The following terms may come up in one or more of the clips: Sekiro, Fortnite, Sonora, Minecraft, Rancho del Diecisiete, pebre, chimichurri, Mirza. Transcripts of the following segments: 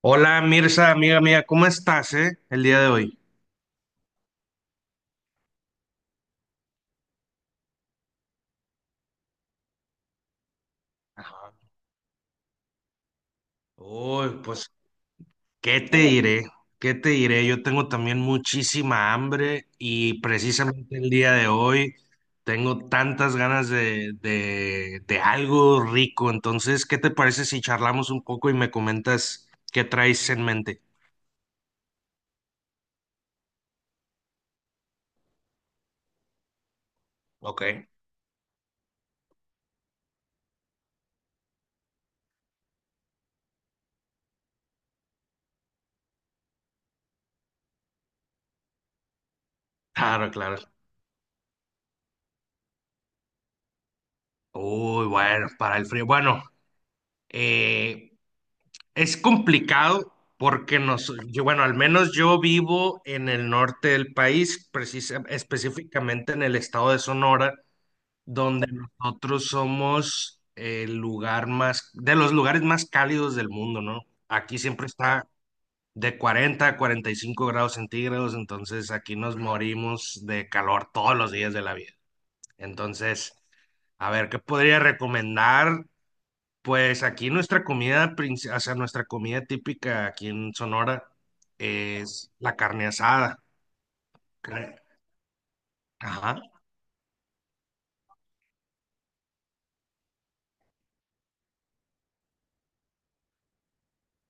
Hola Mirza, amiga mía, ¿cómo estás, el día de hoy? Ajá. Uy, pues, ¿qué te diré? ¿Qué te diré? Yo tengo también muchísima hambre y precisamente el día de hoy tengo tantas ganas de algo rico. Entonces, ¿qué te parece si charlamos un poco y me comentas qué traes en mente? Ok. Claro, claro. Uy, bueno, para el frío. Bueno, eh, es complicado porque yo, bueno, al menos yo vivo en el norte del país, específicamente en el estado de Sonora, donde nosotros somos el lugar más, de los lugares más cálidos del mundo, ¿no? Aquí siempre está de 40 a 45 grados centígrados, entonces aquí nos morimos de calor todos los días de la vida. Entonces, a ver, ¿qué podría recomendar? Pues aquí nuestra comida, o sea, nuestra comida típica aquí en Sonora es la carne asada. Cre- Ajá.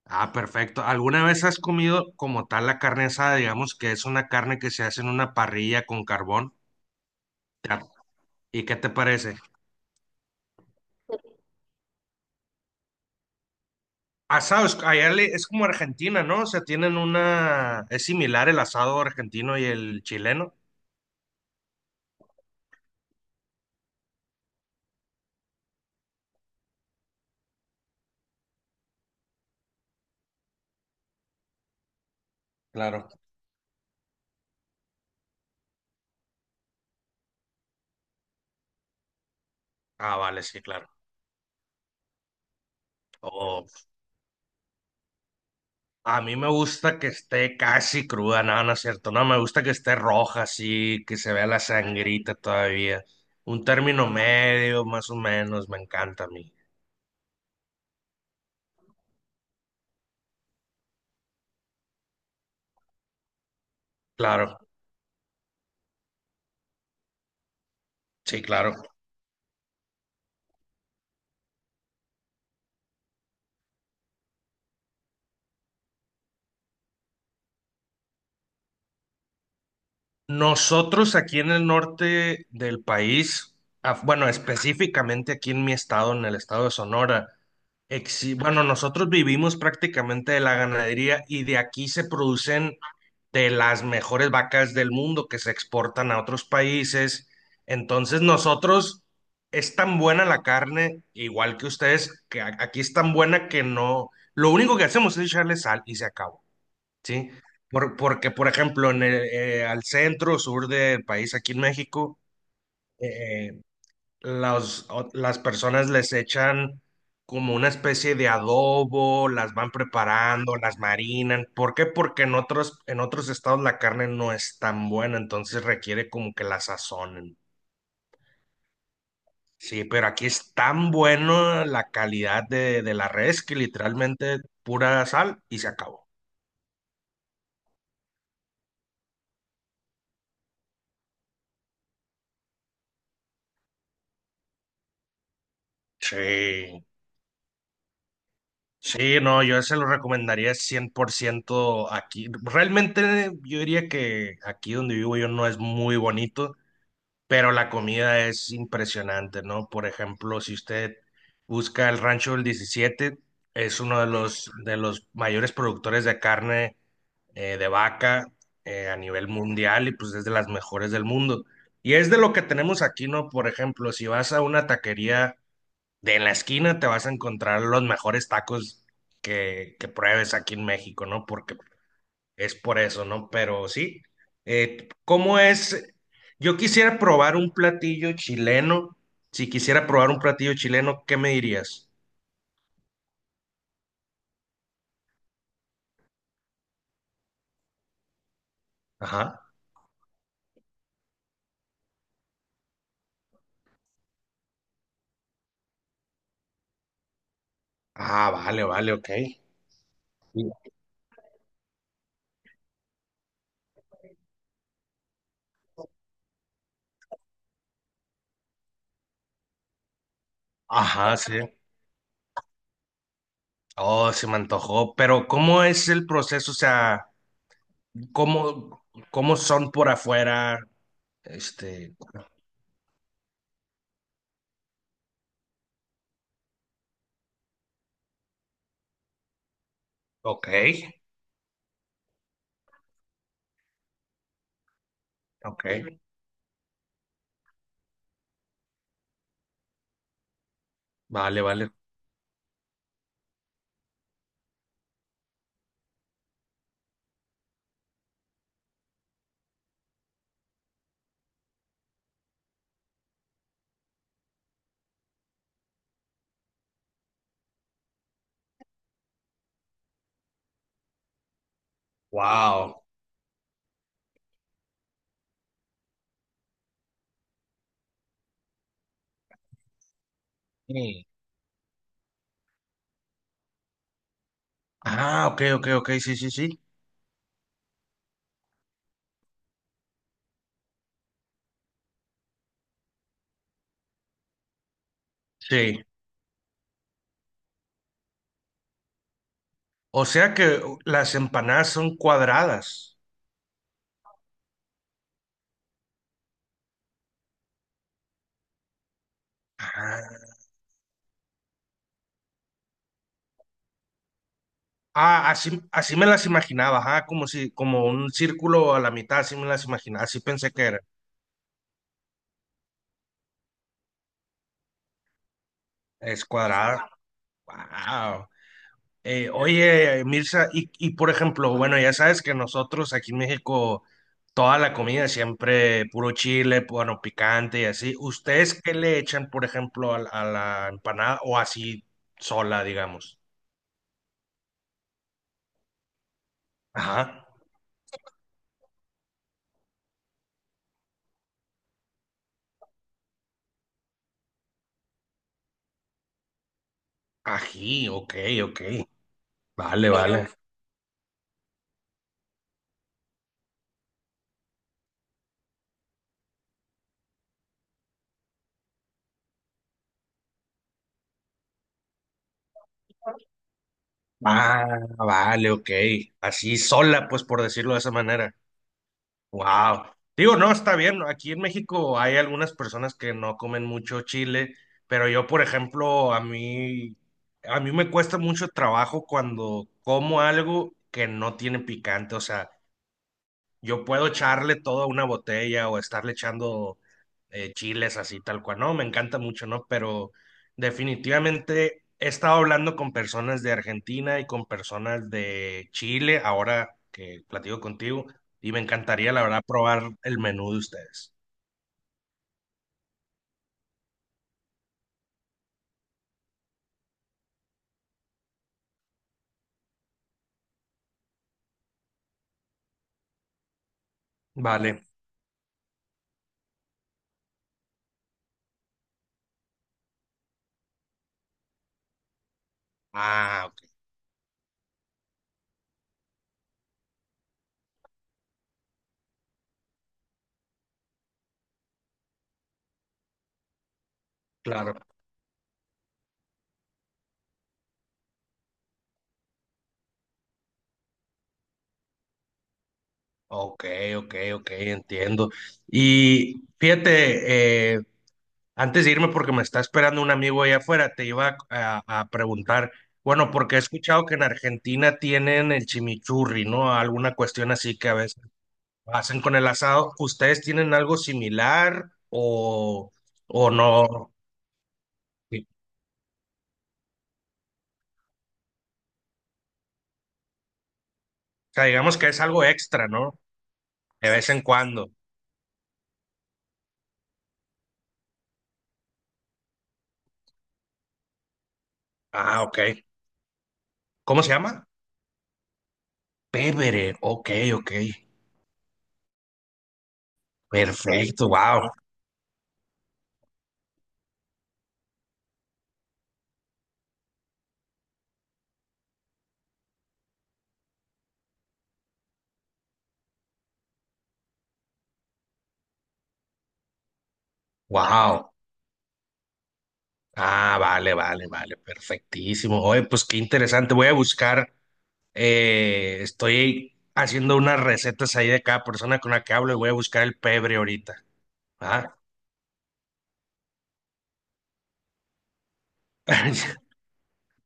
Ah, perfecto. ¿Alguna vez has comido como tal la carne asada? Digamos que es una carne que se hace en una parrilla con carbón. ¿Te ha- ¿Y qué te parece? Asado, es como Argentina, ¿no? O sea, tienen una... Es similar el asado argentino y el chileno. Claro. Ah, vale, sí, claro. Oh, a mí me gusta que esté casi cruda, no, no es cierto, no, me gusta que esté roja, así, que se vea la sangrita todavía. Un término medio, más o menos, me encanta a mí. Claro, sí, claro. Nosotros aquí en el norte del país, bueno, específicamente aquí en mi estado, en el estado de Sonora, bueno, nosotros vivimos prácticamente de la ganadería y de aquí se producen de las mejores vacas del mundo que se exportan a otros países. Entonces nosotros es tan buena la carne, igual que ustedes, que aquí es tan buena que no, lo único que hacemos es echarle sal y se acabó, ¿sí? Porque, por ejemplo, en el, al centro, sur del país, aquí en México, eh, las, las personas les echan como una especie de adobo, las van preparando, las marinan. ¿Por qué? Porque en otros estados la carne no es tan buena, entonces requiere como que la sazonen. Sí, pero aquí es tan bueno la calidad de la res que literalmente pura sal y se acabó. Sí, sí, no, yo se lo recomendaría 100% aquí. Realmente yo diría que aquí donde vivo yo no es muy bonito, pero la comida es impresionante, ¿no? Por ejemplo, si usted busca el Rancho del 17, es uno de los mayores productores de carne de vaca a nivel mundial y pues es de las mejores del mundo. Y es de lo que tenemos aquí, ¿no? Por ejemplo, si vas a una taquería de en la esquina, te vas a encontrar los mejores tacos que pruebes aquí en México, ¿no? Porque es por eso, ¿no? Pero sí. ¿Cómo es? Yo quisiera probar un platillo chileno. Si quisiera probar un platillo chileno, ¿qué me dirías? Ajá. Ah, vale, vale, ok. Sí. Ajá, sí. Oh, se me antojó. Pero ¿cómo es el proceso? O sea, ¿cómo, cómo son por afuera? Este, ok, ok. Vale, vale. Wow. Sí. Ah, ok, ok, ok, sí, sí, sí. Sí. O sea que las empanadas son cuadradas. Ah, ah, así, así me las imaginaba, ajá, como si, como un círculo a la mitad, así me las imaginaba, así pensé que era. Es cuadrada. Wow. Oye, Mirza, y por ejemplo, bueno, ya sabes que nosotros aquí en México, toda la comida siempre puro chile, bueno, picante y así. ¿Ustedes qué le echan, por ejemplo, la a la empanada o así sola, digamos? Ajá. Ají, ok, ok. Vale, vale. Ah, vale, ok. Así sola, pues por decirlo de esa manera. Wow. Digo, no, está bien. Aquí en México hay algunas personas que no comen mucho chile, pero yo, por ejemplo, a mí me cuesta mucho trabajo cuando como algo que no tiene picante. O sea, yo puedo echarle todo a una botella o estarle echando chiles así tal cual, no, me encanta mucho, ¿no? Pero definitivamente he estado hablando con personas de Argentina y con personas de Chile ahora que platico contigo y me encantaría, la verdad, probar el menú de ustedes. Vale. Ah, ok, claro. Ok, ok, ok, entiendo. Y fíjate, antes de irme, porque me está esperando un amigo allá afuera, te iba a, a preguntar, bueno, porque he escuchado que en Argentina tienen el chimichurri, ¿no? Alguna cuestión así que a veces hacen con el asado. ¿Ustedes tienen algo similar o, o no? Sí. O sea, digamos que es algo extra, ¿no? De vez en cuando. Ah, ok. ¿Cómo se llama? Pevere. Ok, ok. Perfecto, wow, wow. Ah, vale, vale, vale, perfectísimo. Oye, pues qué interesante. Voy a buscar estoy haciendo unas recetas ahí de cada persona con la que hablo y voy a buscar el pebre ahorita. ¿Ah?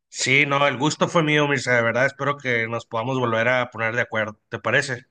Sí, no, el gusto fue mío, Mirza, de verdad. Espero que nos podamos volver a poner de acuerdo. ¿Te parece?